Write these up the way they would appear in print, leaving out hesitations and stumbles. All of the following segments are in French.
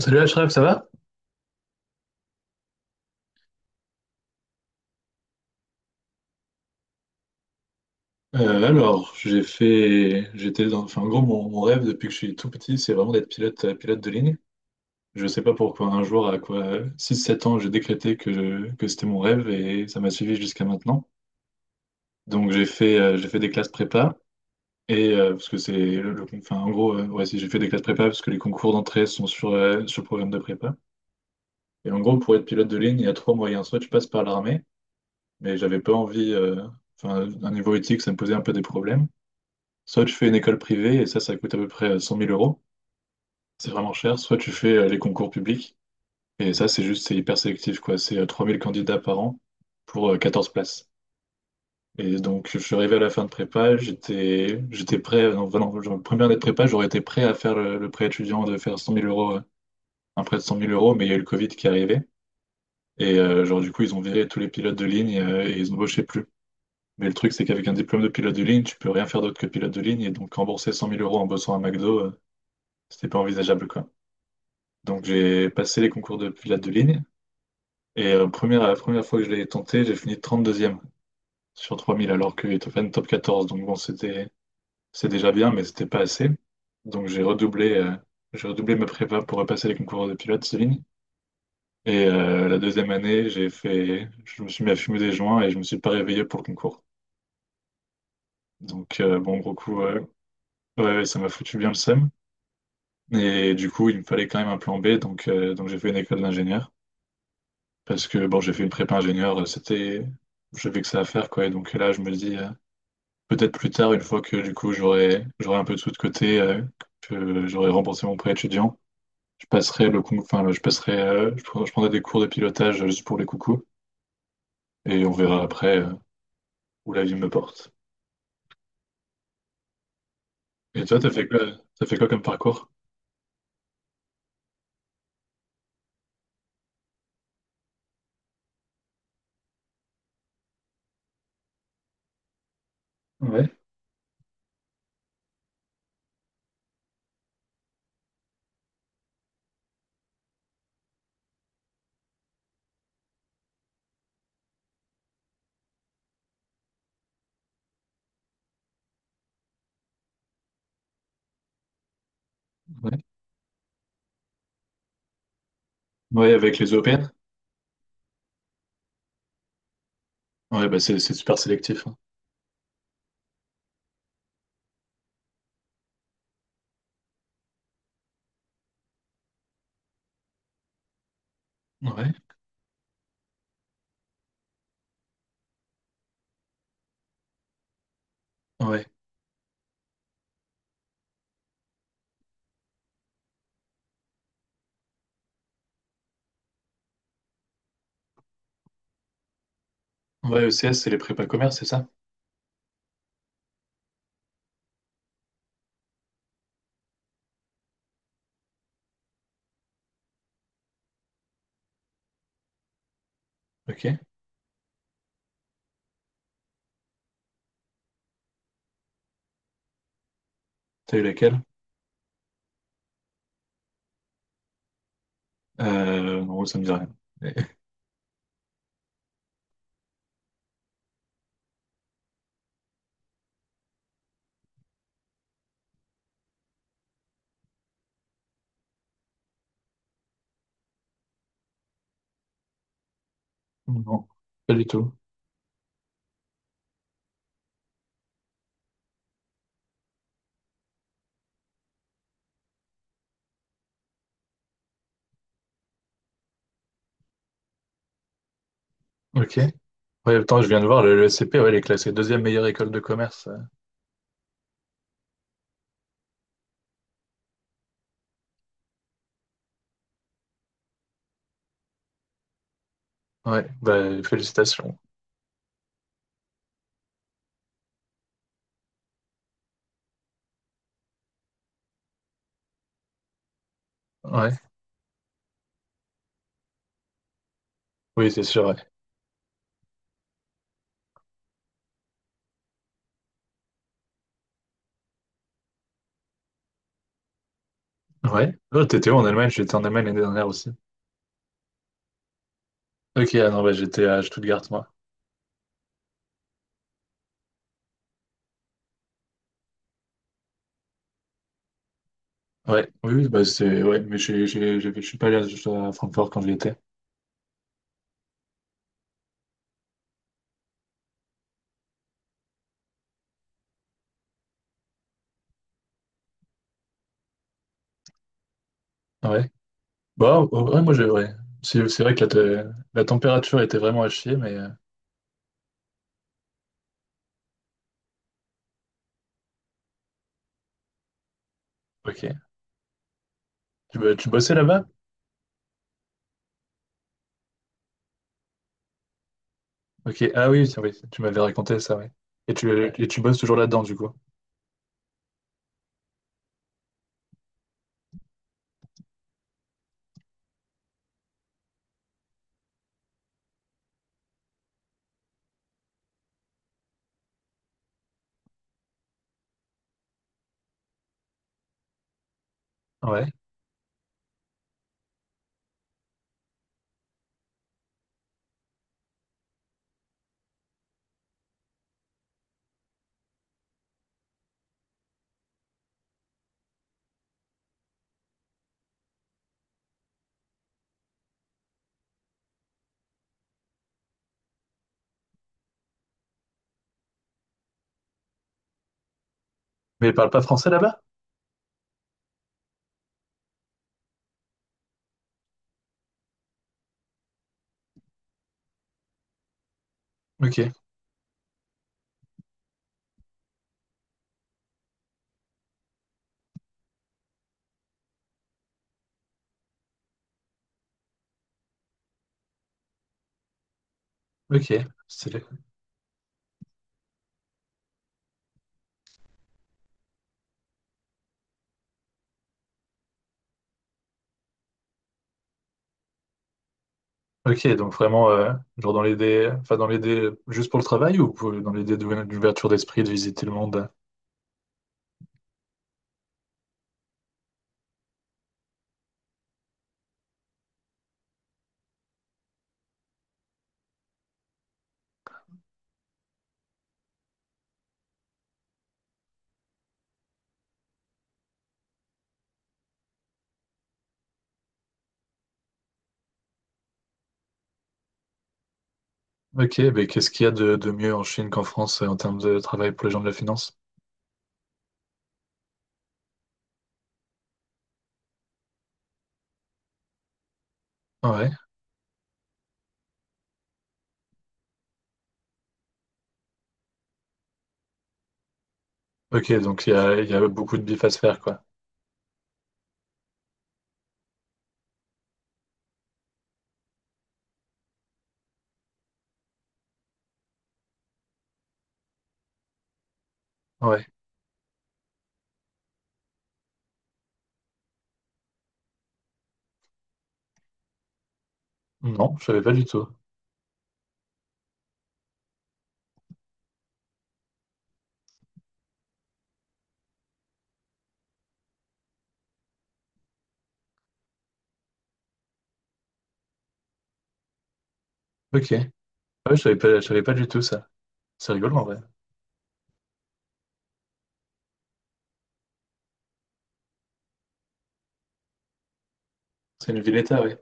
Salut Ashraf, ça va? J'ai en gros, mon rêve depuis que je suis tout petit, c'est vraiment d'être pilote, pilote de ligne. Je sais pas pourquoi, un jour, à quoi, six sept ans, j'ai décrété que c'était mon rêve et ça m'a suivi jusqu'à maintenant. Donc, j'ai fait des classes prépa parce que c'est le- enfin, en gros, ouais, si j'ai fait des classes prépa parce que les concours d'entrée sont sur le programme de prépa. Et donc, je passe par l'armée, mais, euh, politique, problème. Soit tu fais une école privée et ça coûte à peu près zéro. C'est vraiment cher. Soit tu fais les concours publics. Et ça, c'est juste, c'est hyper sélectif, quoi. C'est 3 000 candidats par an pour 14 places. Et donc, je suis arrivé à la fin de prépa, j'étais prêt, non, non, genre, première année de prépa, j'aurais été prêt à faire le prêt étudiant de faire 100 000 euros, un prêt de 100 000 euros, mais il y a eu le Covid qui est arrivé. Du coup, ils ont viré tous les pilotes de ligne et ils embauchaient plus. Mais le truc, c'est qu'avec un diplôme de pilote de ligne, tu peux rien faire d'autre que pilote de ligne. Et donc, rembourser 100 000 euros en bossant à McDo, c'était pas envisageable, quoi. Donc, j'ai passé les concours de pilote de ligne. La première fois que je l'ai tenté, j'ai fini 32e sur 3 000, alors que Beethoven top 14. Donc bon, c'est déjà bien, mais c'était pas assez. Donc j'ai redoublé ma prépa pour repasser les concours de pilote Céline. La deuxième année, je me suis mis à fumer des joints et je me suis pas réveillé pour le concours. Donc bon, gros coup, ouais, ouais, ça m'a foutu bien le seum. Et du coup, il me fallait quand même un plan B, donc j'ai fait une école d'ingénieur parce que bon, j'ai fait une prépa ingénieur, j'avais que ça à faire quoi. Et donc là, je me dis. Peut-être plus tard, une fois que du coup j'aurai un peu de sous de côté, que j'aurai remboursé mon prêt étudiant, je passerai le con- enfin, je passerai, je, prends- je prendrai des cours de pilotage juste pour les coucous et on verra après où la vie me porte. Et toi, t'as fait quoi comme parcours? Ouais, ouais. Ouais, avec les EPN? Ouais, bah c'est super sélectif, hein. Ouais, ouais. Ouais, ECS, c'est les prépas commerce, c'est ça? Ok. T'as eu lesquelles? En gros, ça me dit rien. Non, pas du tout. Ok. Ouais, attends, je viens de voir, le SCP, ouais, il est classé deuxième meilleure école de commerce, euh. Ouais, bah, félicitations. Ouais, oui, c'est sûr, ouais. Ouais. Oh, t'étais où en Allemagne? J'étais en Allemagne l'année dernière aussi. Ok, ah non, bah, j'étais à Stuttgart, moi. Ouais, oui, oui, bah, c'est, ouais, mais je suis pas allé à Francfort quand j'y étais. Ouais. Ouais. C'est vrai que la température était vraiment à chier, mais, ok. Tu bossais là-bas? Ok, ah oui, c'est- oui, tu m'avais raconté ça, ouais. Et tu, et tu bosses toujours là-dedans, du coup. Ouais. Mais ils parlent pas français là-bas? Ok. Ok, stylé. Ok, donc vraiment, dans l'idée juste pour le travail dans l'idée d'ouverture d'esprit, de visiter le monde? Ok, mais qu'est-ce qu'il y a de mieux en Chine qu'en France en termes de travail pour les gens de la finance? Ah ouais. Ok, donc il y a beaucoup de bif à se faire, quoi. Ah ouais. Non, je savais pas du tout. Ok. Ah ouais, je savais pas du tout ça. C'est rigolo en vrai. C'est une ville-État, ouais.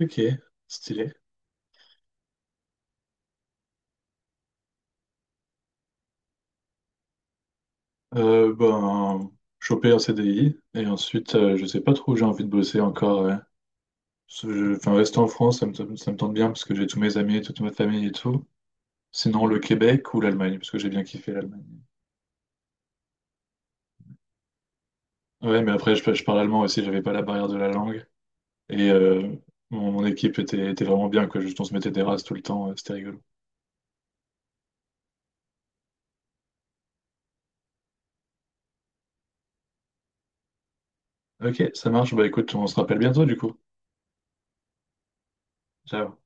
Ok, stylé. Euh, ben, choper un CDI et ensuite, je sais pas trop où j'ai envie de bosser encore, ouais. Parce que je- Enfin, Rester en France, ça me, ça me tente bien parce que j'ai tous mes amis, toute ma famille et tout. Sinon, le Québec ou l'Allemagne, parce que j'ai bien kiffé l'Allemagne. Ouais, mais après, je parle allemand aussi, j'avais pas la barrière de la langue. Et euh, mon équipe était vraiment bien, quoi. Juste, on se mettait des races tout le temps, c'était rigolo. Ok, ça marche. Bah écoute, on se rappelle bientôt du coup. Ciao.